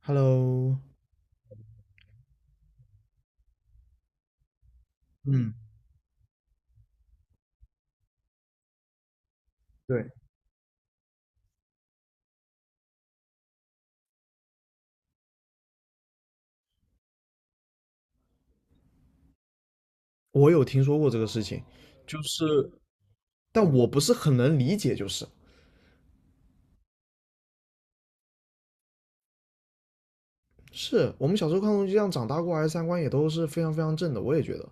Hello，嗯，对，我有听说过这个事情，就是，但我不是很能理解，就是，是我们小时候看东西这样长大过来，三观也都是非常非常正的，我也觉得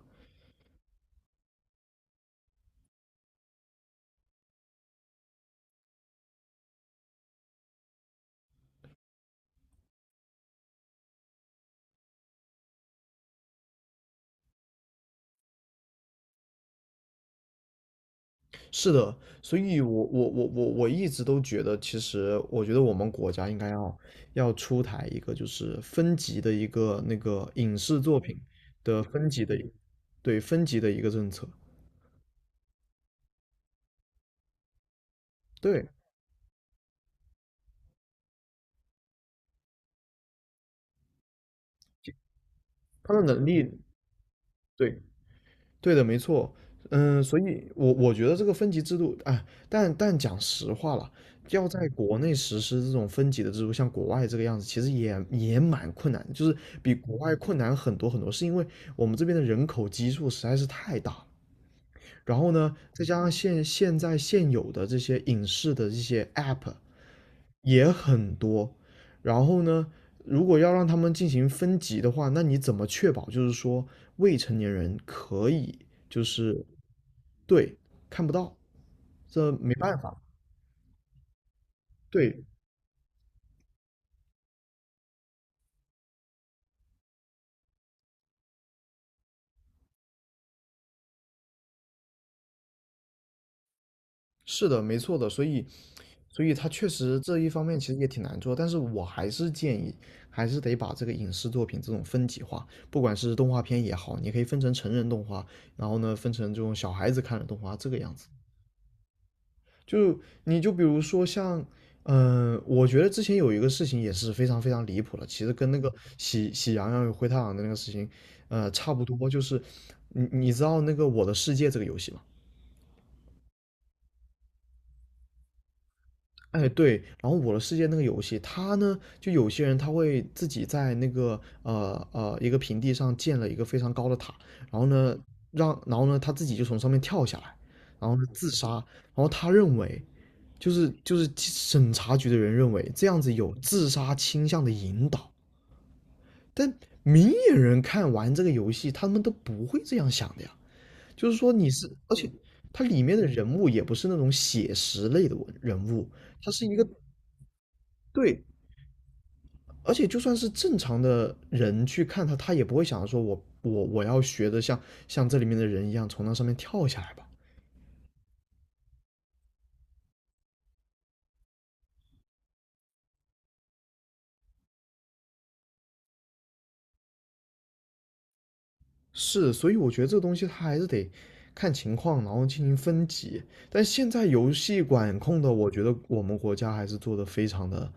是的，所以我一直都觉得，其实我觉得我们国家应该要出台一个就是分级的一个那个影视作品的分级的一对分级的一个政策，对，他的能力，对，对的，没错，嗯，所以我觉得这个分级制度，哎，但讲实话了，要在国内实施这种分级的制度，像国外这个样子，其实也蛮困难的就是比国外困难很多很多，是因为我们这边的人口基数实在是太大了然后呢，再加上现有的这些影视的这些 app 也很多，然后呢，如果要让他们进行分级的话，那你怎么确保就是说未成年人可以就是对看不到？这没办法，对，是的，没错的，所以他确实这一方面其实也挺难做，但是我还是建议，还是得把这个影视作品这种分级化，不管是动画片也好，你可以分成成人动画，然后呢，分成这种小孩子看的动画，这个样子。就你就比如说像，我觉得之前有一个事情也是非常非常离谱的，其实跟那个喜羊羊与灰太狼的那个事情，差不多，就是你知道那个《我的世界》这个游戏吗？哎，对，然后《我的世界》那个游戏，它呢，就有些人他会自己在那个一个平地上建了一个非常高的塔，然后呢，然后呢他自己就从上面跳下来，然后呢自杀，然后他认为，就是审查局的人认为这样子有自杀倾向的引导，但明眼人看完这个游戏，他们都不会这样想的呀，就是说你是，而且它里面的人物也不是那种写实类的文人物，它是一个。对，而且就算是正常的人去看他，他也不会想着说我要学的像这里面的人一样从那上面跳下来吧。是，所以我觉得这个东西它还是得看情况，然后进行分级。但现在游戏管控的，我觉得我们国家还是做的非常的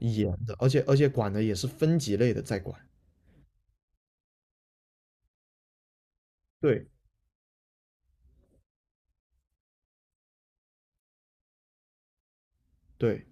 严的，而且管的也是分级类的在管。对对，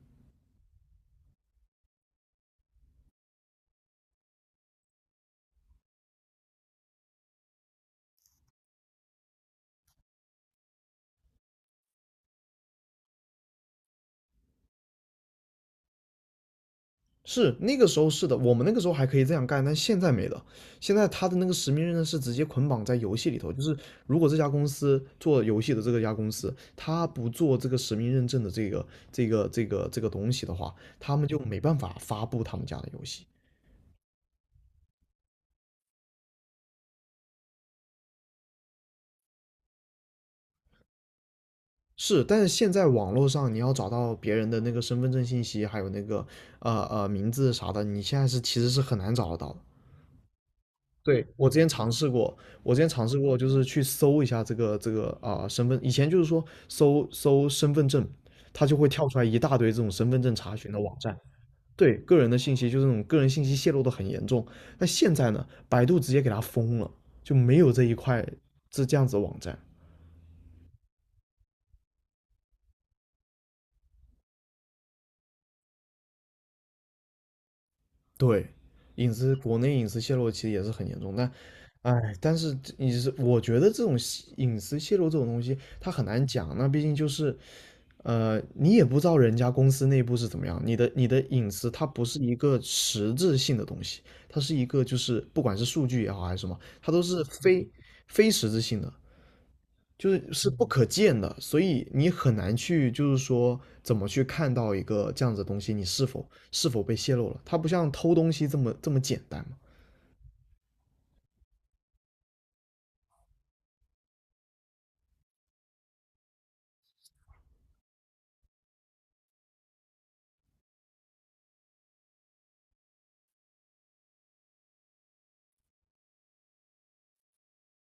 是那个时候是的，我们那个时候还可以这样干，但现在没了。现在他的那个实名认证是直接捆绑在游戏里头，就是如果这家公司做游戏的这个家公司，他不做这个实名认证的这个东西的话，他们就没办法发布他们家的游戏。是，但是现在网络上你要找到别人的那个身份证信息，还有那个名字啥的，你现在是其实是很难找得到的。对，我之前尝试过，就是去搜一下这个啊、身份，以前就是说搜身份证，它就会跳出来一大堆这种身份证查询的网站，对个人的信息就这种个人信息泄露的很严重。那现在呢，百度直接给它封了，就没有这一块这样子的网站。对，国内隐私泄露其实也是很严重，哎，但是我觉得这种隐私泄露这种东西，它很难讲。那毕竟就是你也不知道人家公司内部是怎么样，你的隐私它不是一个实质性的东西，它是一个就是不管是数据也好还是什么，它都是非实质性的，就是是不可见的，所以你很难去就是说怎么去看到一个这样子的东西，你是否被泄露了，它不像偷东西这么简单嘛。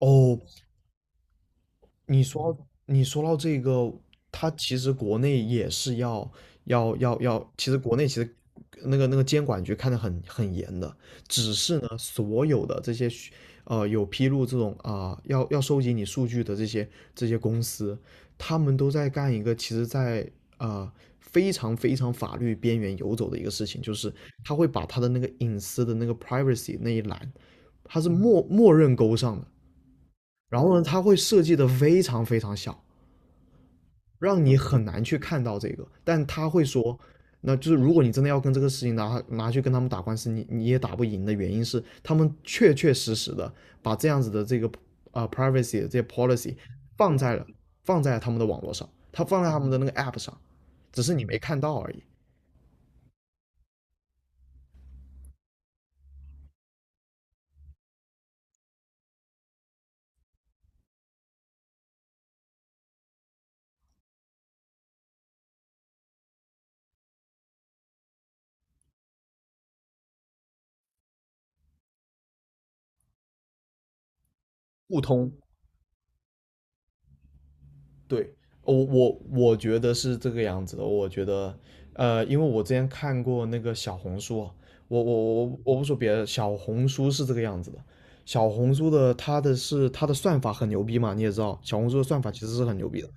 哦，你说你说到这个，他其实国内也是要，其实国内其实那个监管局看得很严的，只是呢，所有的这些有披露这种啊、要收集你数据的这些公司，他们都在干一个其实在呃非常非常法律边缘游走的一个事情，就是他会把他的那个隐私的那个 privacy 那一栏，他是默认勾上的。然后呢，他会设计的非常非常小，让你很难去看到这个。但他会说，那就是如果你真的要跟这个事情拿去跟他们打官司，你也打不赢的原因是，他们确确实实的把这样子的这个privacy 的这些 policy 放在了放在了他们的网络上，他放在他们的那个 app 上，只是你没看到而已。互通对，我觉得是这个样子的。我觉得，因为我之前看过那个小红书啊我不说别的，小红书是这个样子的。小红书的它的是它的算法很牛逼嘛，你也知道，小红书的算法其实是很牛逼的。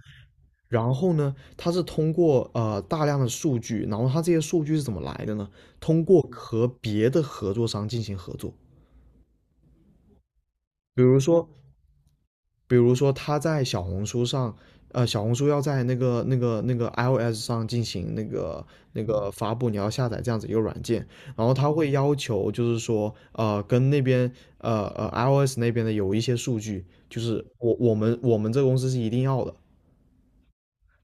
然后呢，它是通过大量的数据，然后它这些数据是怎么来的呢？通过和别的合作商进行合作，比如说比如说他在小红书上，呃，小红书要在那个 iOS 上进行那个发布，你要下载这样子一个软件，然后他会要求就是说，跟那边呃呃 iOS 那边的有一些数据，就是我们这个公司是一定要的，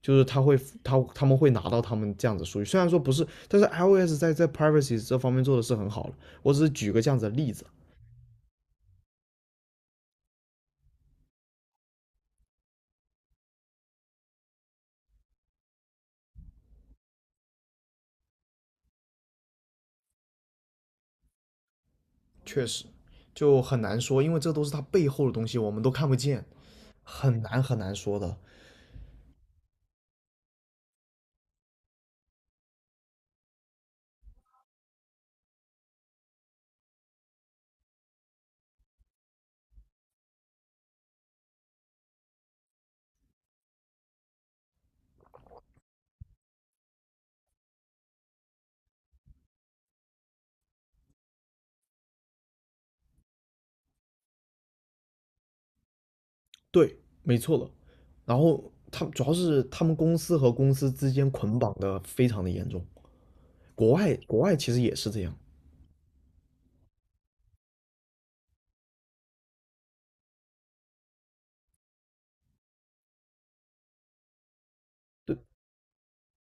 就是他们会拿到他们这样子数据，虽然说不是，但是 iOS 在 privacy 这方面做的是很好了，我只是举个这样子的例子啊。确实就很难说，因为这都是他背后的东西，我们都看不见，很难很难说的。对，没错了。然后他们主要是他们公司和公司之间捆绑的非常的严重，国外其实也是这样。对，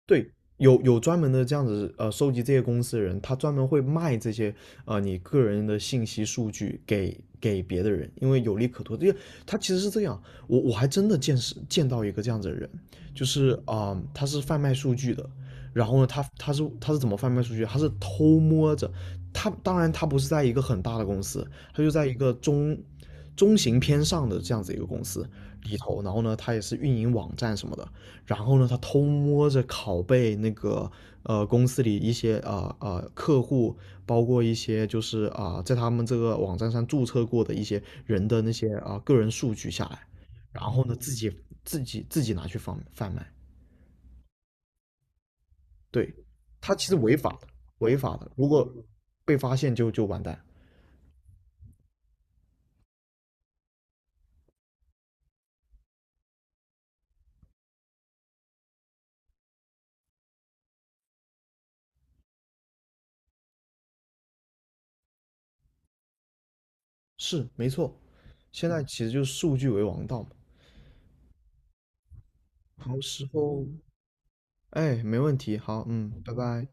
对，有专门的这样子，收集这些公司的人，他专门会卖这些，你个人的信息数据给别的人，因为有利可图。这个他其实是这样，我还真的见到一个这样子的人，就是啊、他是贩卖数据的，然后呢，他是怎么贩卖数据？他是偷摸着，他当然不是在一个很大的公司，他就在一个中型偏上的这样子一个公司里头，然后呢，他也是运营网站什么的。然后呢，他偷摸着拷贝那个公司里一些客户，包括一些就是在他们这个网站上注册过的一些人的那些个人数据下来，然后呢自己拿去贩卖，对，他其实违法的，违法的，如果被发现就完蛋，是没错，现在其实就是数据为王道嘛，好时候，哎，没问题，好，嗯，拜拜。